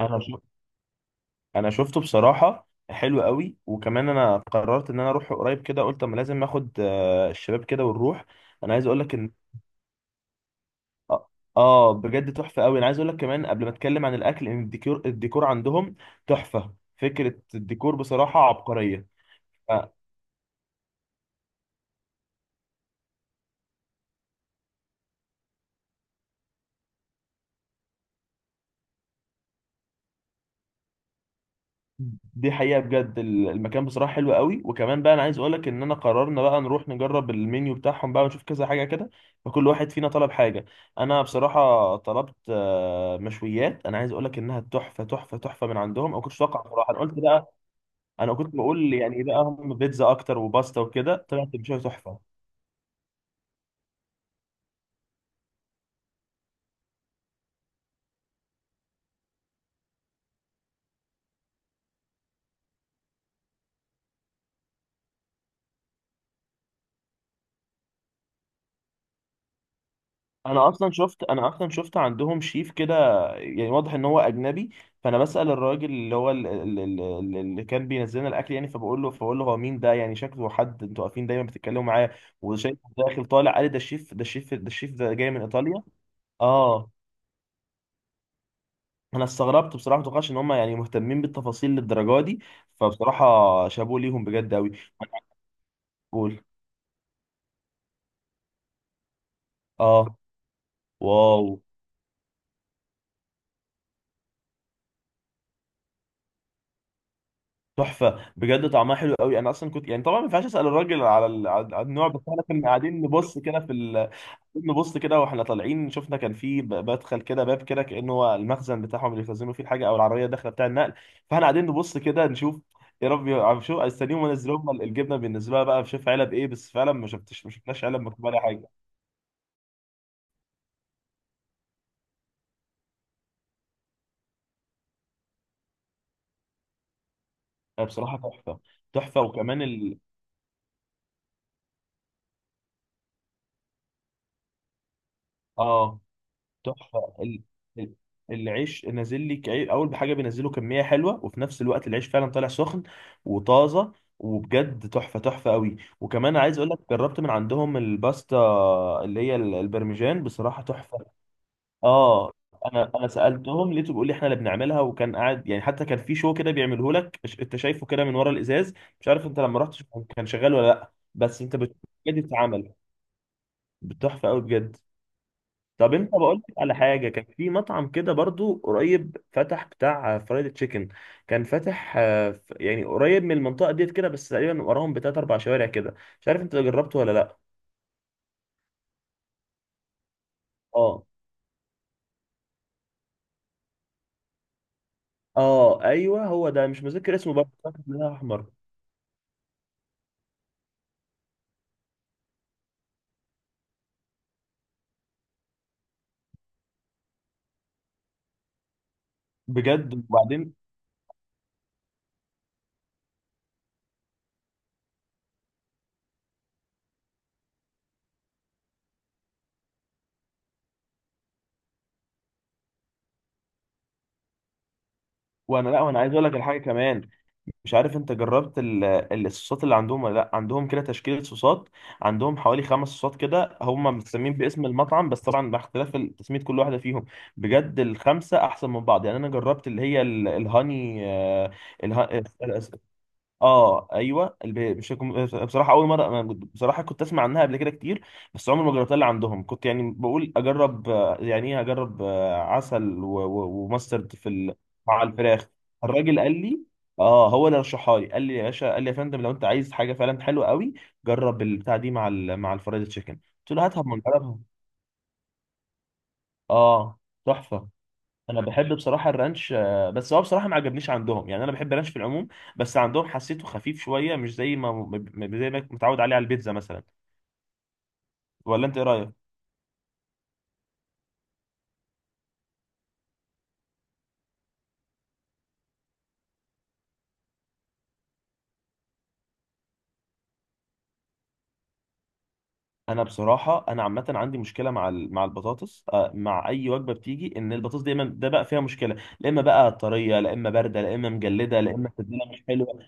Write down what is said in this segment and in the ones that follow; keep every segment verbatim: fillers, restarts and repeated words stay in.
انا شو... انا شفته بصراحه، حلو قوي. وكمان انا قررت ان انا اروح قريب كده. قلت اما لازم اخد آه، الشباب كده ونروح. انا عايز اقول لك ان اه آه، بجد تحفه قوي. انا عايز اقول لك كمان قبل ما اتكلم عن الاكل، ان الديكور الديكور عندهم تحفه. فكره الديكور بصراحه عبقريه آه، دي حقيقة بجد. ال- المكان بصراحة حلو قوي. وكمان بقى انا عايز اقولك ان انا قررنا بقى نروح نجرب المنيو بتاعهم بقى ونشوف كذا حاجة كده. فكل واحد فينا طلب حاجة. انا بصراحة طلبت آه، مشويات. انا عايز اقولك انها تحفة تحفة تحفة من عندهم. انا كنتش اتوقع بصراحة. انا قلت بقى، انا كنت بقول يعني ايه بقى، هم بيتزا اكتر وباستا وكده طلعت مشوية تحفة. انا اصلا شفت انا اصلا شفت عندهم شيف كده. يعني واضح ان هو اجنبي. فانا بسأل الراجل اللي هو ال- ال- ال- ال- اللي كان بينزل لنا الاكل، يعني فبقول له فبقول له هو مين ده؟ يعني شكله حد انتوا واقفين دايما بتتكلموا معاه وشايف داخل طالع. قال لي ده الشيف، ده الشيف، ده الشيف، ده جاي من ايطاليا. اه. انا استغربت بصراحه، ما توقعش ان هم يعني مهتمين بالتفاصيل للدرجه دي. فبصراحه، شابوه ليهم بجد قوي. قول. اه. واو، تحفه بجد، طعمها حلو قوي. انا اصلا كنت يعني، طبعا ما ينفعش اسال الراجل على ال- على النوع. بس احنا كنا قاعدين نبص كده في ال... نبص كده واحنا طالعين. شفنا كان في ب- بدخل كده باب كده، كانه هو المخزن بتاعهم اللي بيخزنوا فيه الحاجه، او العربيه الداخله بتاع النقل. فاحنا قاعدين نبص كده نشوف، يا رب عم شو استنيهم ونزلوا لهم الجبنه. بالنسبه لها بقى، شوف علب ايه! بس فعلا ما شفتش، ما شفناش علب مكتوب عليها حاجه. بصراحه تحفه. تحفه. وكمان ال... اه، تحفه. ال- ال- العيش نازل لك عي- اول بحاجه، بينزله كميه حلوه. وفي نفس الوقت العيش فعلا طالع سخن وطازه. وبجد تحفه تحفه قوي. وكمان عايز اقول لك جربت من عندهم الباستا، اللي هي ال- البرمجان بصراحه تحفه. اه. انا انا سالتهم لقيته بيقول لي احنا اللي بنعملها. وكان قاعد يعني، حتى كان في شو كده بيعمله لك. ش- انت شايفه كده من ورا الازاز. مش عارف انت لما رحت ش- كان شغال ولا لا، بس انت بت- بجد بتتعمل بتحفه قوي بجد. طب انت، بقول لك على حاجه: كان في مطعم كده برضو قريب فتح بتاع فرايد تشيكن. كان فاتح آه، ف- يعني قريب من المنطقه ديت كده، بس تقريبا وراهم بتلات اربع شوارع كده. مش عارف انت جربته ولا لا؟ اه. اه، ايوه هو ده. مش مذكر اسمه، برضه فاكر إن هو احمر. بجد. وبعدين. وانا، لا، وانا عايز اقول لك الحاجه كمان، مش عارف انت جربت ال- ال- الصوصات اللي عندهم ولا لا؟ عندهم كده تشكيلة صوصات. عندهم حوالي خمس صوصات كده، هم متسمين باسم المطعم، بس طبعا مع اختلاف تسمية كل واحدة فيهم. بجد الخمسة احسن من بعض. يعني انا جربت اللي هي ال- الهاني آه، اله- اه، ايوه الب- مش هكون- بصراحه اول مره. انا كنت- بصراحه كنت اسمع عنها قبل كده كتير. بس عمري ما جربتها اللي عندهم. كنت يعني بقول اجرب آه، يعني ايه، اجرب آه، عسل و- و- وماسترد في ال... مع الفراخ. الراجل قال لي، اه هو اللي رشحها لي. قال لي يا باشا، قال لي يا فندم، لو انت عايز حاجه فعلا حلوه قوي، جرب البتاع دي مع ال... مع الفرايد تشيكن. قلت له هاتها، ما نجربها. اه، تحفه. انا بحب بصراحه الرانش، آه، بس هو بصراحه ما عجبنيش عندهم. يعني انا بحب الرانش في العموم، بس عندهم حسيته خفيف شويه، مش زي ما م- زي ما متعود عليه على البيتزا مثلا. ولا انت ايه رايك؟ انا بصراحه انا عامه عندي مشكله مع ال- مع البطاطس، آه، مع اي وجبه بتيجي، ان البطاطس دايما ده بقى فيها مشكله. لا اما بقى طريه، لا اما بارده، لا اما مجلده، لا اما تتبيله مش حلوه.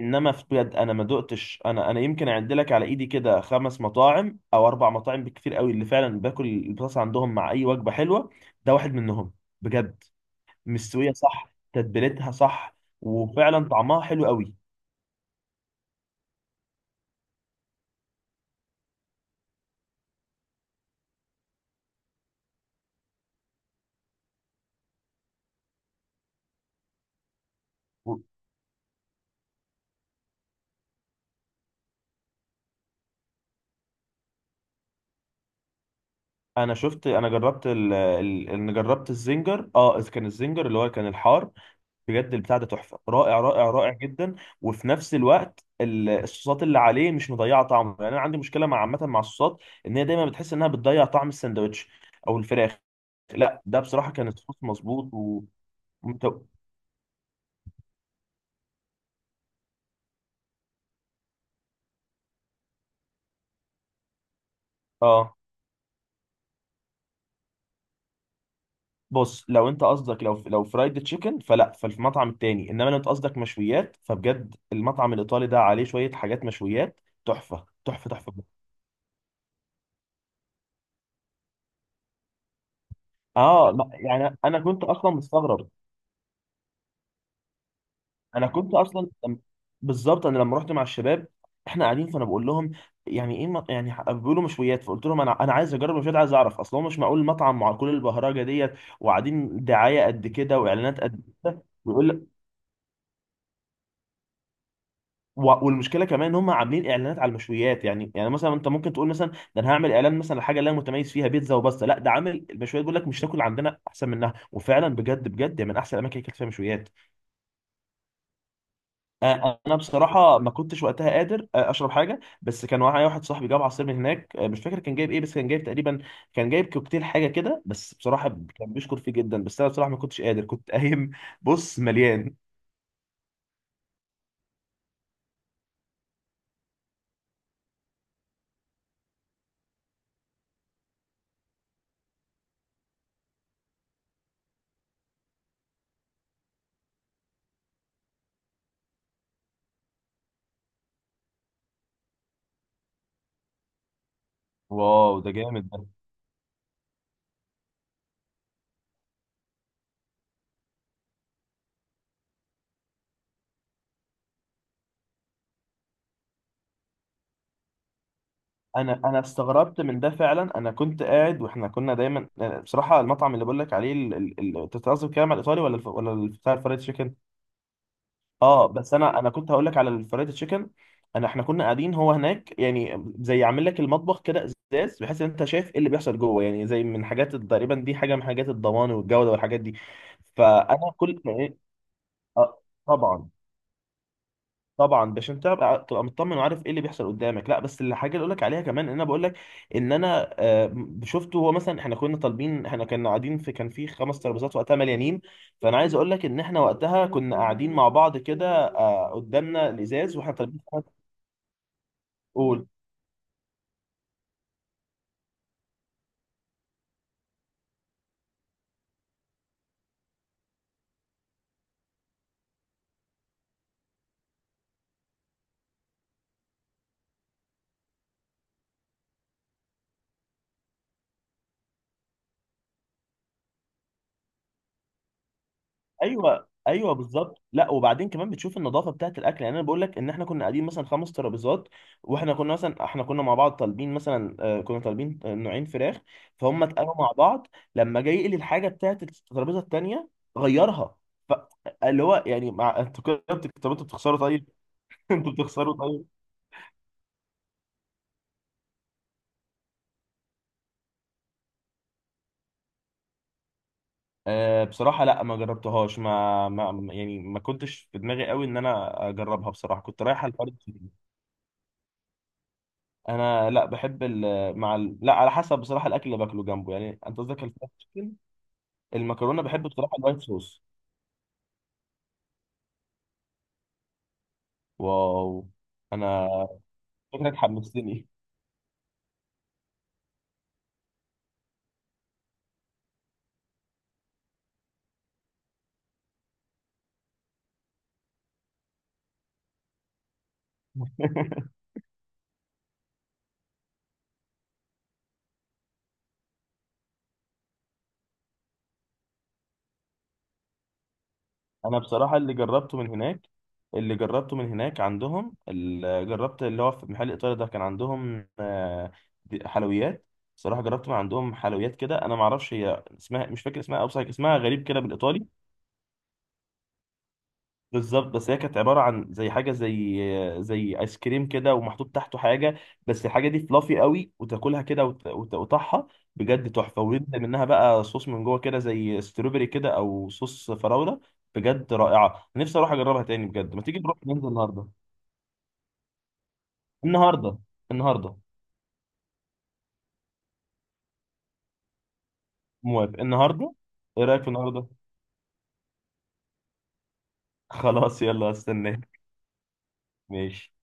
انما في بجد، انا ما دقتش، انا انا يمكن اعد لك على ايدي كده خمس مطاعم او اربع مطاعم بكتير قوي، اللي فعلا باكل البطاطس عندهم مع اي وجبه حلوه. ده واحد منهم. بجد مستويه صح، تتبيلتها صح، وفعلا طعمها حلو قوي. و- انا شفت انا جربت ال... ال... انا جربت الزنجر. اه، إذ كان الزنجر اللي هو كان الحار. بجد البتاع ده تحفه، رائع رائع رائع جدا. وفي نفس الوقت ال- الصوصات اللي عليه مش مضيعه طعمه. يعني انا عندي مشكله مع، عامه، مع الصوصات ان هي دايما بتحس انها بتضيع طعم الساندوتش او الفراخ. لا، ده بصراحه كان الصوص مظبوط و ومت- اه. بص، لو انت قصدك، لو لو فرايد تشيكن فلا، ففي المطعم التاني. انما لو انت قصدك مشويات، فبجد المطعم الايطالي ده عليه شويه حاجات مشويات تحفه تحفه تحفه. اه. لا يعني انا كنت اصلا مستغرب. انا كنت اصلا لم- بالظبط، انا لما رحت مع الشباب، احنا قاعدين فانا بقول لهم، يعني ايه؟ م- يعني ح- بيقولوا مشويات. فقلت لهم انا انا عايز اجرب مشويات، عايز اعرف. اصل هو مش معقول مطعم مع كل البهرجه ديت، وقاعدين دعايه قد كده، واعلانات قد كده، ويقول لك. و- والمشكله كمان ان هم عاملين اعلانات على المشويات. يعني يعني مثلا انت ممكن تقول مثلا، ده انا هعمل اعلان مثلا لحاجه اللي انا متميز فيها، بيتزا وبس. لا، ده عامل المشويات، بيقول لك مش تاكل عندنا احسن منها. وفعلا بجد بجد، يعني من احسن الاماكن اللي اكلت فيها مشويات. آه، انا بصراحه ما كنتش وقتها قادر آه، اشرب حاجه. بس كان معايا واحد صاحبي جاب عصير من هناك، آه، مش فاكر كان جايب ايه، بس كان جايب تقريبا، كان جايب كوكتيل حاجه كده. بس بصراحه كان بيشكر فيه جدا. بس انا بصراحه ما كنتش قادر، كنت قايم. بص مليان. واو، ده جامد ده. انا انا استغربت من ده فعلا. انا كنت قاعد، واحنا كنا دايما آه، بصراحه المطعم اللي بقول لك عليه ال- ال- ال- انت بتقصد كده على الايطالي ولا الف... ولا الف- بتاع الفرايد تشيكن؟ اه، بس انا انا كنت هقول لك على الفرايد تشيكن. انا احنا كنا قاعدين هو هناك، يعني زي عامل لك المطبخ كده، ازاز، بحيث ان انت شايف ايه اللي بيحصل جوه. يعني زي من حاجات تقريبا، دي حاجه من حاجات الضمان والجوده والحاجات دي. فانا كل ما ايه. آه، طبعا، طبعا، باش انت تبقى تبقى مطمن وعارف ايه اللي بيحصل قدامك. لا بس الحاجه اللي اقول لك عليها كمان، ان انا بقول لك ان انا، آه، شفته هو مثلا. احنا كنا طالبين، احنا كنا قاعدين في، كان في خمس ترابيزات وقتها مليانين. فانا عايز اقول لك ان احنا وقتها كنا قاعدين مع بعض كده، آه، قدامنا الازاز واحنا طالبين. قول. ايوه، ايوه، بالظبط. لا، وبعدين كمان بتشوف النظافه بتاعه الاكل. يعني انا بقول لك ان احنا كنا قاعدين مثلا خمس ترابيزات، واحنا كنا مثلا، احنا كنا مع بعض طالبين مثلا، آه، كنا طالبين آه، نوعين فراخ. فهم اتقالوا مع بعض. لما جاي يقلي الحاجه بتاعه الترابيزه التانيه غيرها. ف- اللي هو يعني، مع انتوا كده بت- طب انتوا بتخسروا طيب. انتوا بتخسروا طيب. أه بصراحه لا، ما جربتهاش، ما, ما يعني ما كنتش في دماغي قوي ان انا اجربها بصراحه، كنت رايح على الفرد. انا، لا، بحب ال مع ال... لا، على حسب بصراحه الاكل اللي باكله جنبه. يعني انت قصدك الفرايد تشيكن، المكرونه بحب بصراحه الوايت صوص. واو، انا فكرك حمستني. انا بصراحه، اللي جربته من هناك اللي جربته من هناك عندهم، اللي جربت اللي هو في محل ايطالي ده، كان عندهم آه، دي- حلويات. بصراحه جربت من عندهم حلويات كده. انا ما اعرفش هي اسمها، مش فاكر اسمها، او اسمها غريب كده بالايطالي. بالظبط. بس هي كانت عباره عن زي حاجه، زي زي ايس كريم كده ومحطوط تحته حاجه. بس الحاجه دي فلافي قوي، وتاكلها كده وت- وت- وتقطعها. بجد تحفه. وينزل منها بقى صوص من جوه كده، زي ستروبري كده، او صوص فراوله. بجد رائعه. نفسي اروح اجربها تاني. بجد ما تيجي نروح ننزل النهارده. النهارده. النهارده. موافق، النهارده. ايه رايك في النهارده؟ خلاص، يلا استناك. ماشي.